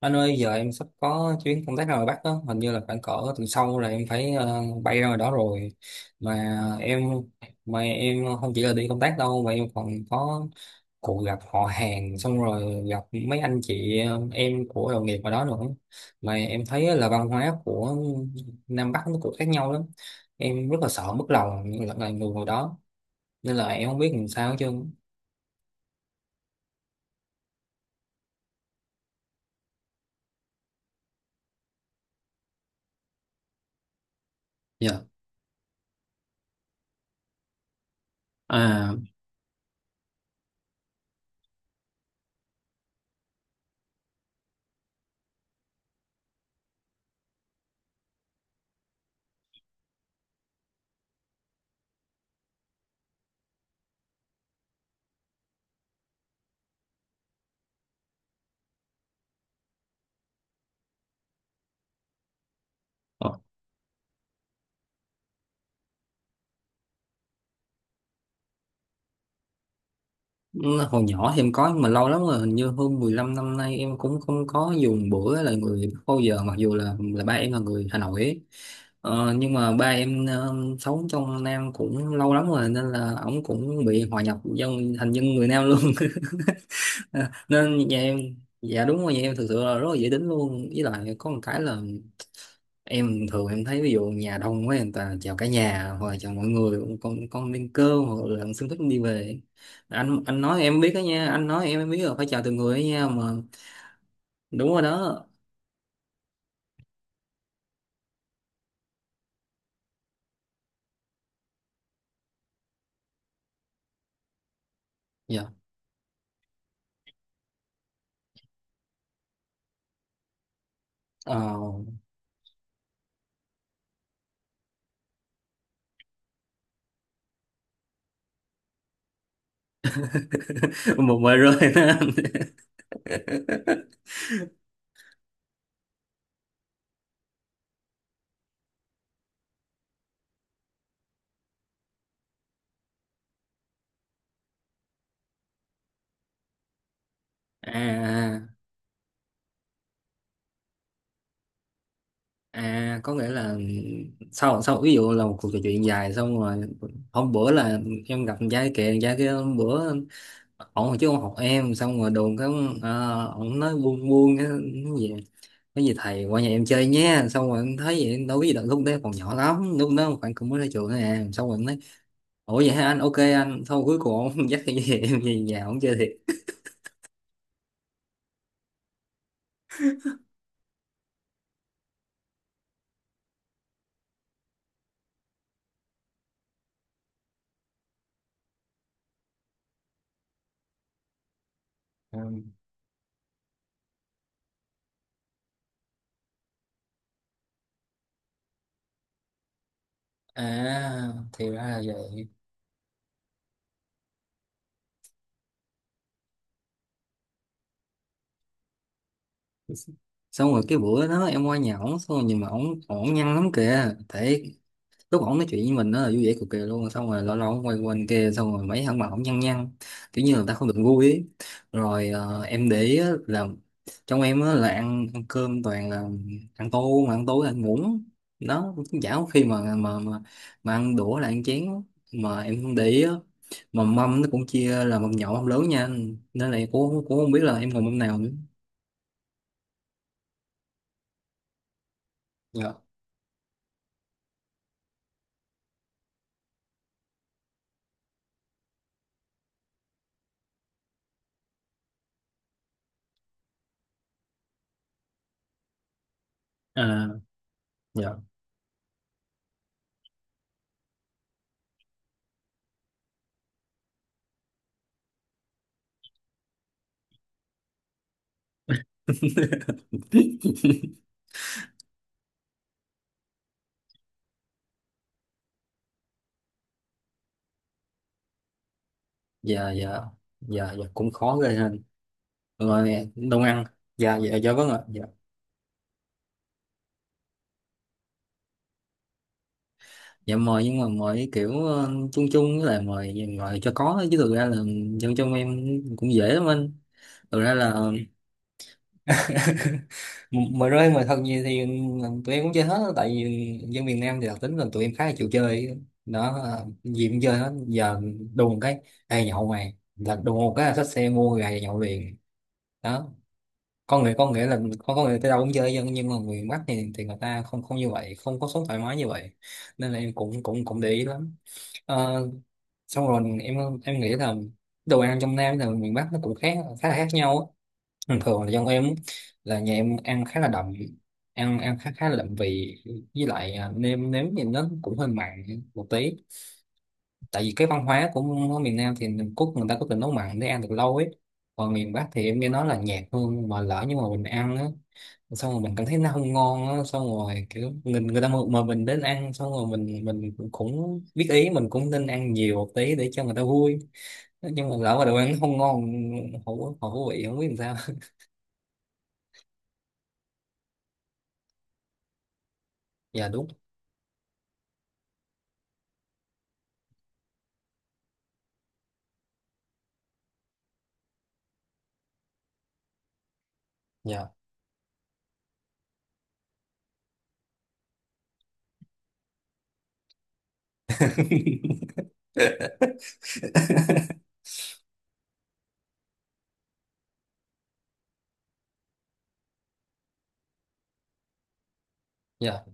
Anh ơi, giờ em sắp có chuyến công tác ra ngoài Bắc đó, hình như là khoảng cỡ tuần sau là em phải bay ra ngoài đó rồi mà. em em không chỉ là đi công tác đâu mà em còn có cuộc gặp họ hàng, xong rồi gặp mấy anh chị em của đồng nghiệp ở đó nữa. Mà em thấy là văn hóa của Nam Bắc nó cũng khác nhau lắm, em rất là sợ mất lòng những là người ngồi đó, nên là em không biết làm sao. Chứ dạ. À, ừ, hồi nhỏ thì em có, nhưng mà lâu lắm rồi, hình như hơn 15 năm nay em cũng không có dùng bữa là người bao giờ, mặc dù là ba em là người Hà Nội ấy. Ờ, nhưng mà ba em sống trong Nam cũng lâu lắm rồi, nên là ổng cũng bị hòa nhập dân, thành dân người Nam luôn. Nên nhà em, dạ đúng rồi, nhà em thực sự là rất là dễ tính luôn. Với lại có một cái là em thường em thấy ví dụ nhà đông quá, người ta chào cả nhà hoặc là chào mọi người, con lên cơm hoặc là con xin phép đi về. Anh nói em biết đó nha, anh nói em biết rồi, phải chào từng người đó nha mà. Đúng rồi đó. Dạ, ờ. Một bài rơi đó anh. À, à, có nghĩa là sau sau ví dụ là một cuộc trò chuyện dài xong rồi. Hôm bữa là em gặp con trai kìa, con trai kia hôm bữa ổng chứ không học em, xong rồi đồn cái, ổng nói buông buông cái gì, cái gì thầy qua nhà em chơi nhé. Xong rồi em thấy vậy đâu có gì đâu, lúc đấy còn nhỏ lắm, lúc đó khoảng cũng mới ra trường thôi à. Xong rồi em nói ủa vậy hả anh, ok anh. Xong cuối cùng ông dắt cái gì em về nhà ông chơi thiệt. Ừ. À, thì ra là vậy. Xong rồi cái bữa đó em qua nhà ổng, xong rồi nhìn mà ổng ổng nhăn lắm kìa. Thế lúc ổng nói chuyện với mình nó là vui vẻ cực kỳ luôn, xong rồi lâu lâu ổng quay quanh kia, xong rồi mấy thằng mà ổng nhăn nhăn kiểu như là ta không được vui ấy. Rồi ờ, em để ý á là trong em á là ăn, cơm toàn là ăn tô, mà ăn tối là ăn muỗng đó, cũng chả có khi mà mà ăn đũa là ăn chén, mà em không để ý á. Mà mâm nó cũng chia là mâm nhỏ mâm lớn nha, nên là em cũng không biết là em còn mâm nào nữa. Dạ, à, dạ. Dạ dạ, dạ dạ cũng khó ghê ha. Rồi đông ăn. Dạ dạ dạ, vâng ạ, dạ. Dạ, mời nhưng mà mời kiểu chung chung, với lại mời mời cho có, chứ thực ra là dân trong em cũng dễ lắm anh, thực ra là. Mời rơi, mời thật nhiều thì ờ, tụi em cũng chơi hết. Tại vì dân miền Nam thì đặc tính là tụi em khá là chịu chơi đó, ờ, gì cũng chơi hết giờ. Đùng cái, ê nhậu mày, là đùng một cái là xách xe mua gà nhậu liền đó. Con người con Nghĩa là con có người tới đâu cũng chơi dân, nhưng mà người Bắc thì người ta không không như vậy, không có sống thoải mái như vậy, nên là em cũng cũng cũng để ý lắm. Ờ, xong rồi em, nghĩ là đồ ăn trong Nam và miền Bắc nó cũng khá là khác nhau á. Thường thường là dân em á, là nhà em ăn khá là đậm, ăn ăn khá khá là đậm vị. Với lại nêm nếm thì nó cũng hơi mặn một tí, tại vì cái văn hóa của miền Nam thì mình cốt người ta có tình nấu mặn để ăn được lâu ấy. Còn miền Bắc thì em nghe nói là nhạt hơn, mà lỡ nhưng mà mình ăn á, xong rồi mình cảm thấy nó không ngon á. Xong rồi kiểu người ta mà mình đến ăn, xong rồi mình cũng biết ý, mình cũng nên ăn nhiều một tí để cho người ta vui. Nhưng mà lỡ mà đồ ăn nó không ngon, hổ hổ vị không biết làm sao. Dạ đúng. Dạ. Dạ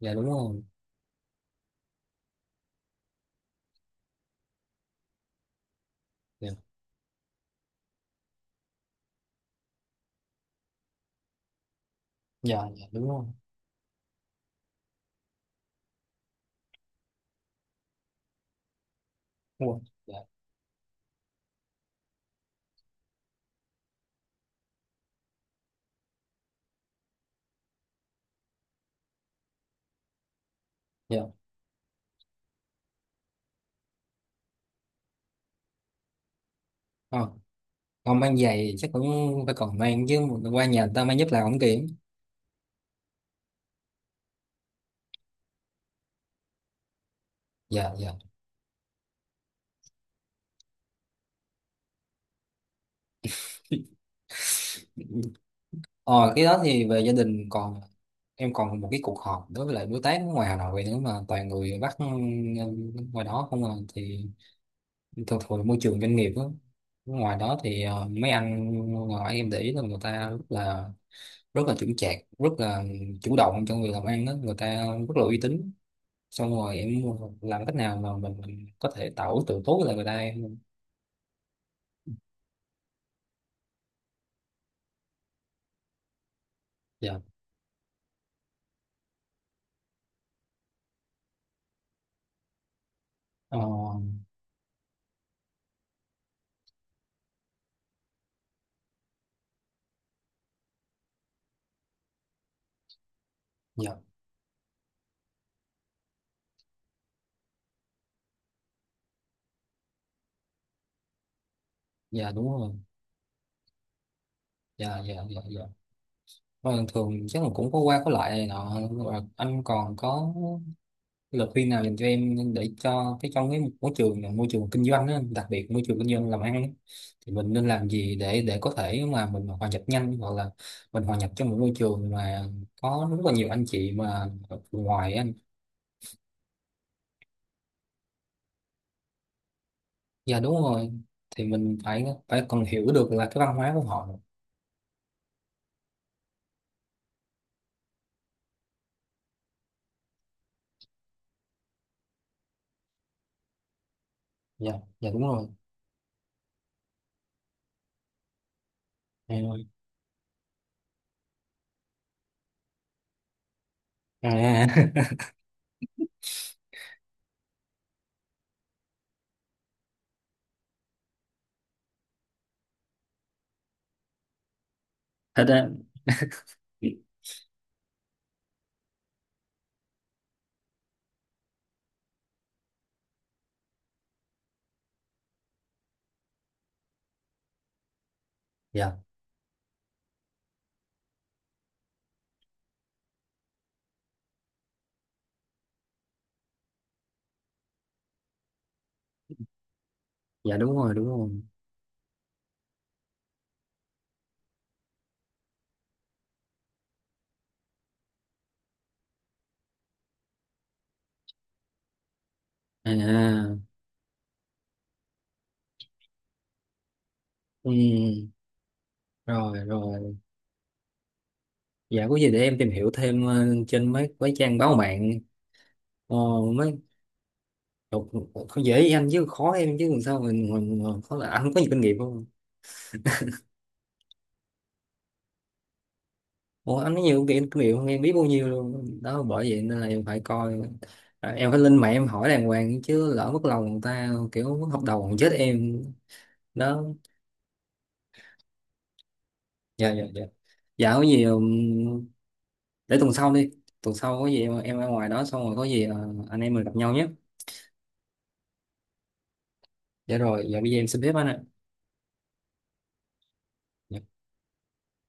dạ đúng rồi. Dạ dạ dạ đúng rồi. Đúng rồi. Dạ dạ. Ờ, không mang giày chắc cũng phải, còn mang chứ, qua nhà người ta mang giúp làm không kiện. Dạ dạ. Ờ, cái đó thì về gia đình. Còn em còn một cái cuộc họp đối với lại đối tác nước ngoài Hà Nội nữa, mà toàn người Bắc ừ, ngoài đó không à. Thì thường thường môi trường doanh nghiệp đó. Ngoài đó thì ờ, mấy anh ngoài em để ý là người ta rất là chững chạc, rất là chủ động trong việc làm ăn đó, người ta rất là uy tín. Xong rồi em làm cách nào mà mình có thể tạo ấn tượng tốt với lại người ta em. Dạ. Ờ, dạ. Dạ đúng rồi. Dạ dạ dạ dạ. Vâng, thường chắc là cũng có qua có lại này nọ. Và anh còn có lời khuyên nào dành cho em để cho cái trong cái môi trường là môi trường kinh doanh á, đặc biệt môi trường kinh doanh làm ăn á, thì mình nên làm gì để có thể mà mình hòa nhập nhanh, hoặc là mình hòa nhập trong một môi trường mà có rất là nhiều anh chị mà ở ngoài á anh. Dạ đúng rồi. Thì mình phải phải còn hiểu được là cái văn hóa của họ. Dạ dạ đúng rồi, em ơi. À, thật ra dạ dạ đúng rồi đúng rồi. À, ừ. Rồi rồi. Dạ, có gì để em tìm hiểu thêm ờ, trên mấy mấy trang báo mạng. Ờ, mấy đọc- không, dễ với anh chứ khó em chứ, làm sao mình khó là anh có nhiều kinh nghiệm không. Ủa, anh có nhiều kinh kinh nghiệm không em biết bao nhiêu luôn đó, bởi vậy nên là em phải coi. À, em phải lên mạng em hỏi đàng hoàng, chứ lỡ mất lòng người ta kiểu mất hợp đồng còn chết em đó. Dạ dạ dạ dạ. có gì để tuần sau đi. Tuần sau có gì em ở ngoài đó, xong rồi có gì ờ, anh em mình gặp nhau nhé. Dạ rồi, dạ bây giờ em xin phép anh ạ. Dạ.